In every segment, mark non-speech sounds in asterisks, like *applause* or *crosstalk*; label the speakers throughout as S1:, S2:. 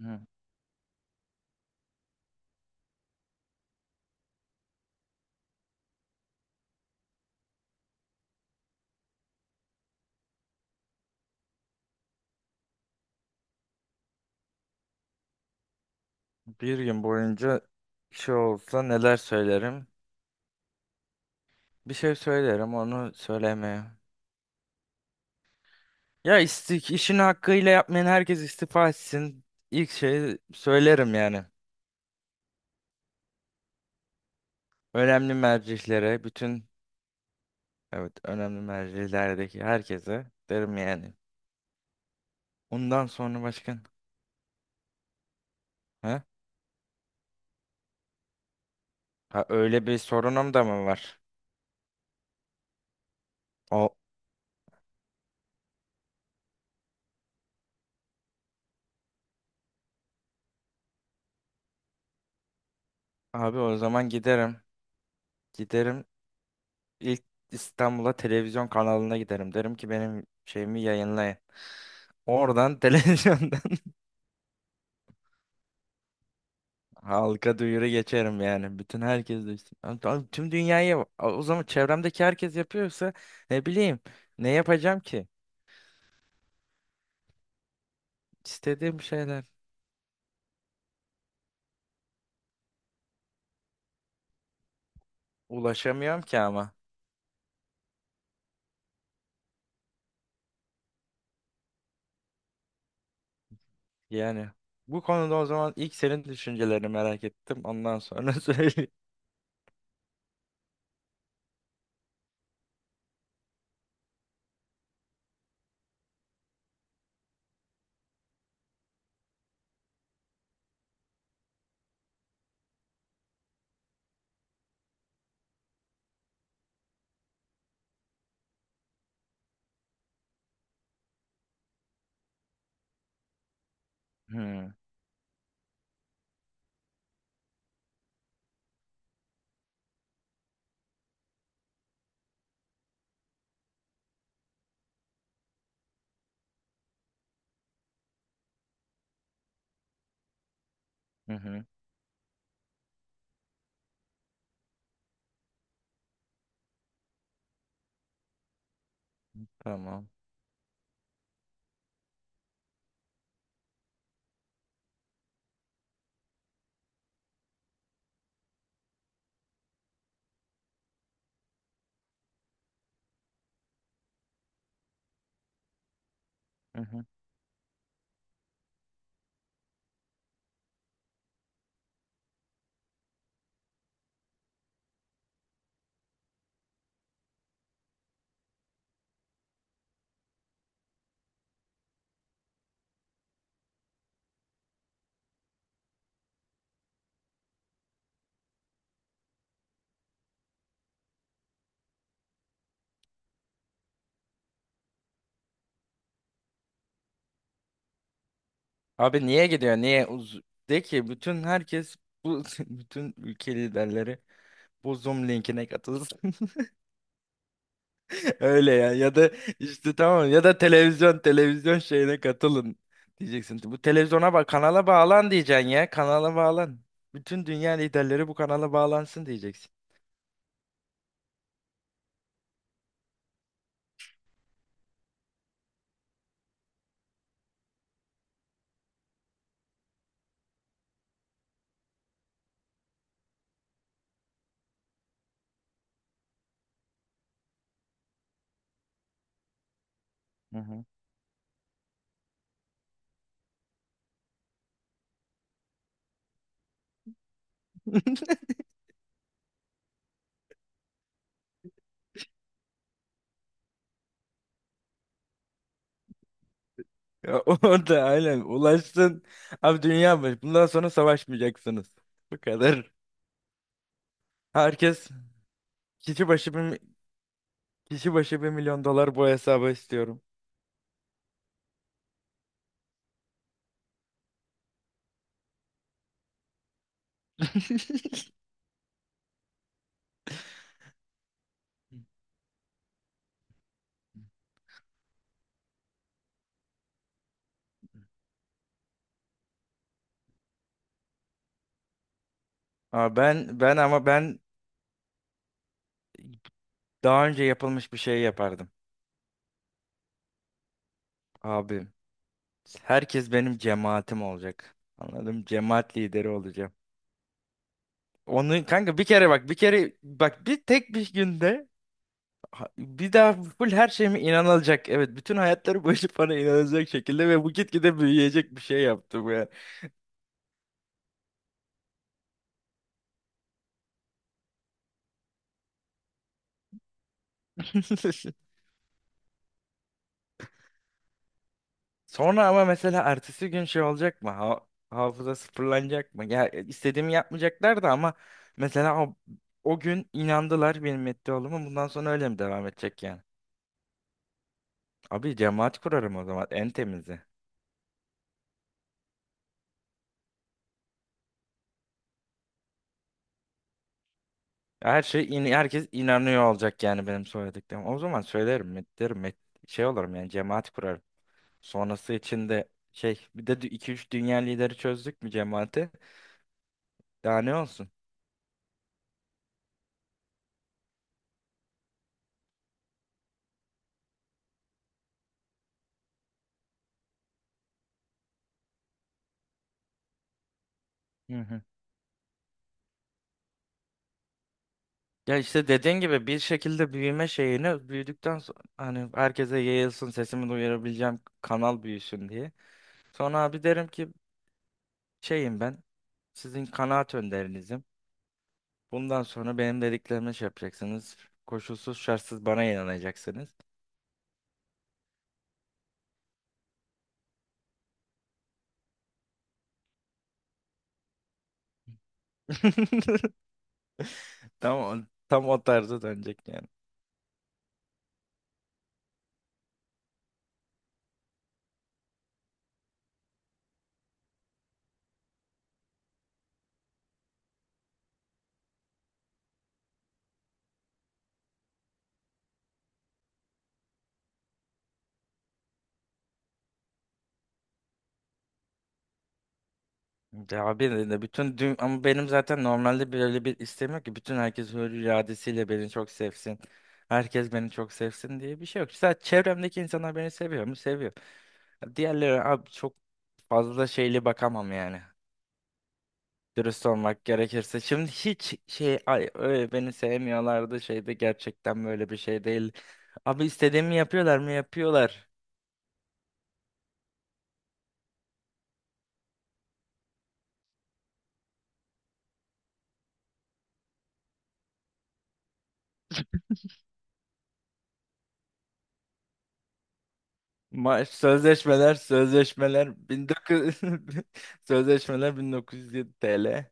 S1: Hı. Bir gün boyunca şey olsa neler söylerim? Bir şey söylerim onu söylemeye. Ya istik işini hakkıyla yapmayan herkes istifa etsin. İlk şeyi söylerim yani. Önemli mercihlere, bütün evet önemli mercilerdeki herkese derim yani. Ondan sonra başkan. Ha? Ha öyle bir sorunum da mı var? O abi o zaman giderim. Giderim ilk İstanbul'a televizyon kanalına giderim. Derim ki benim şeyimi yayınlayın. Oradan *laughs* televizyondan halka duyuru geçerim yani. Bütün herkes duysun. Abi, abi tüm dünyayı o zaman çevremdeki herkes yapıyorsa ne bileyim, ne yapacağım ki? İstediğim şeyler. Ulaşamıyorum ki ama. Yani bu konuda o zaman ilk senin düşüncelerini merak ettim. Ondan sonra *laughs* söyle. Hı hı hı. Tamam. Hı hı. Abi niye gidiyor? Niye? De ki bütün herkes bu *laughs* bütün ülke liderleri bu Zoom linkine katılsın. Öyle ya, ya da işte tamam, ya da televizyon şeyine katılın diyeceksin. Bu televizyona bak, kanala bağlan diyeceksin, ya kanala bağlan. Bütün dünya liderleri bu kanala bağlansın diyeceksin. Hı hı. *laughs* Ya orada aynen ulaştın. Abi dünya başı. Bundan sonra savaşmayacaksınız. Bu kadar. Herkes kişi başı bir, kişi başı bir milyon dolar bu hesaba istiyorum. *laughs* Aa, ben ben ama ben daha önce yapılmış bir şey yapardım. Abi herkes benim cemaatim olacak. Anladım. Cemaat lideri olacağım. Onu kanka bir kere bak, bir kere bak, bir tek bir günde bir daha full her şeyime inanılacak. Evet bütün hayatları boyunca *laughs* bana inanılacak şekilde ve bu gitgide büyüyecek bir şey yaptım ya. *laughs* Sonra ama mesela ertesi gün şey olacak mı? Hafıza sıfırlanacak mı? Ya istediğimi yapmayacaklar da ama mesela o, o gün inandılar benim metti olduğuma. Bundan sonra öyle mi devam edecek yani? Abi cemaat kurarım o zaman, en temizi. Her şey herkes inanıyor olacak yani benim söylediklerim. O zaman söylerim, derim, şey olurum yani, cemaat kurarım. Sonrası için de şey, bir de iki üç dünya lideri, çözdük mü cemaati? Daha ne olsun? Hı hı. Ya işte dediğin gibi bir şekilde büyüme şeyini büyüdükten sonra hani herkese yayılsın, sesimi duyurabileceğim kanal büyüsün diye. Sonra abi derim ki şeyim ben sizin kanaat önderinizim. Bundan sonra benim dediklerimi şey yapacaksınız. Koşulsuz şartsız bana inanacaksınız. *laughs* Tam, tam o tarza dönecek yani. Ya abi de bütün ama benim zaten normalde böyle bir isteğim yok ki bütün herkes hür iradesiyle beni çok sevsin. Herkes beni çok sevsin diye bir şey yok. Sadece çevremdeki insanlar beni seviyor mu? Seviyor. Diğerleri abi çok fazla şeyli bakamam yani. Dürüst olmak gerekirse. Şimdi hiç şey öyle beni sevmiyorlardı şeyde, gerçekten böyle bir şey değil. Abi istediğimi yapıyorlar mı? Yapıyorlar. Maaş, sözleşmeler, sözleşmeler 1900 *laughs* sözleşmeler 1907 TL.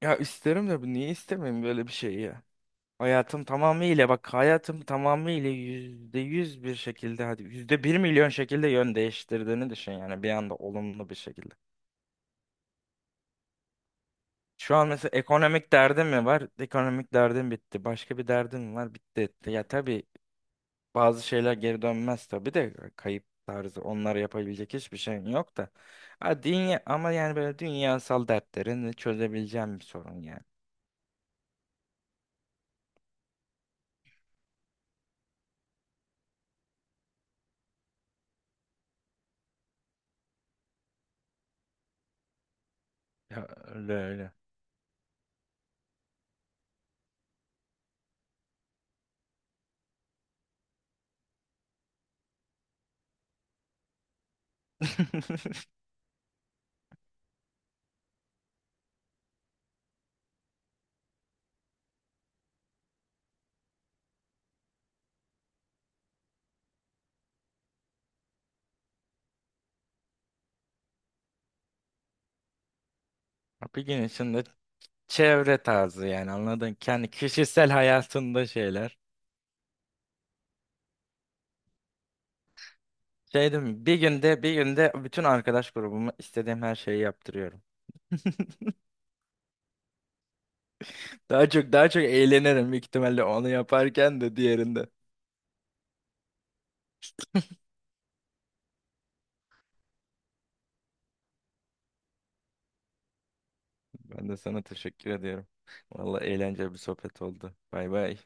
S1: Ya isterim de, bu niye istemeyeyim böyle bir şeyi ya. Hayatım tamamıyla, bak hayatım tamamıyla yüzde yüz bir şekilde, hadi yüzde bir milyon şekilde yön değiştirdiğini düşün yani, bir anda olumlu bir şekilde. Şu an mesela ekonomik derdim mi var? Ekonomik derdim bitti. Başka bir derdim mi var? Bitti etti. Ya tabii bazı şeyler geri dönmez tabii de, kayıp tarzı onlara yapabilecek hiçbir şeyin yok da. Ha, dünya, ama yani böyle dünyasal dertlerini çözebileceğim bir sorun yani. Ya öyle öyle. *laughs* Bir gün içinde çevre tarzı yani, anladın. Kendi kişisel hayatında şeyler. Şey değil mi? Bir günde, bir günde bütün arkadaş grubumu istediğim her şeyi yaptırıyorum. *laughs* Daha çok, daha çok eğlenirim büyük ihtimalle onu yaparken de diğerinde. Ben de sana teşekkür ediyorum. *laughs* Vallahi eğlenceli bir sohbet oldu. Bay bay.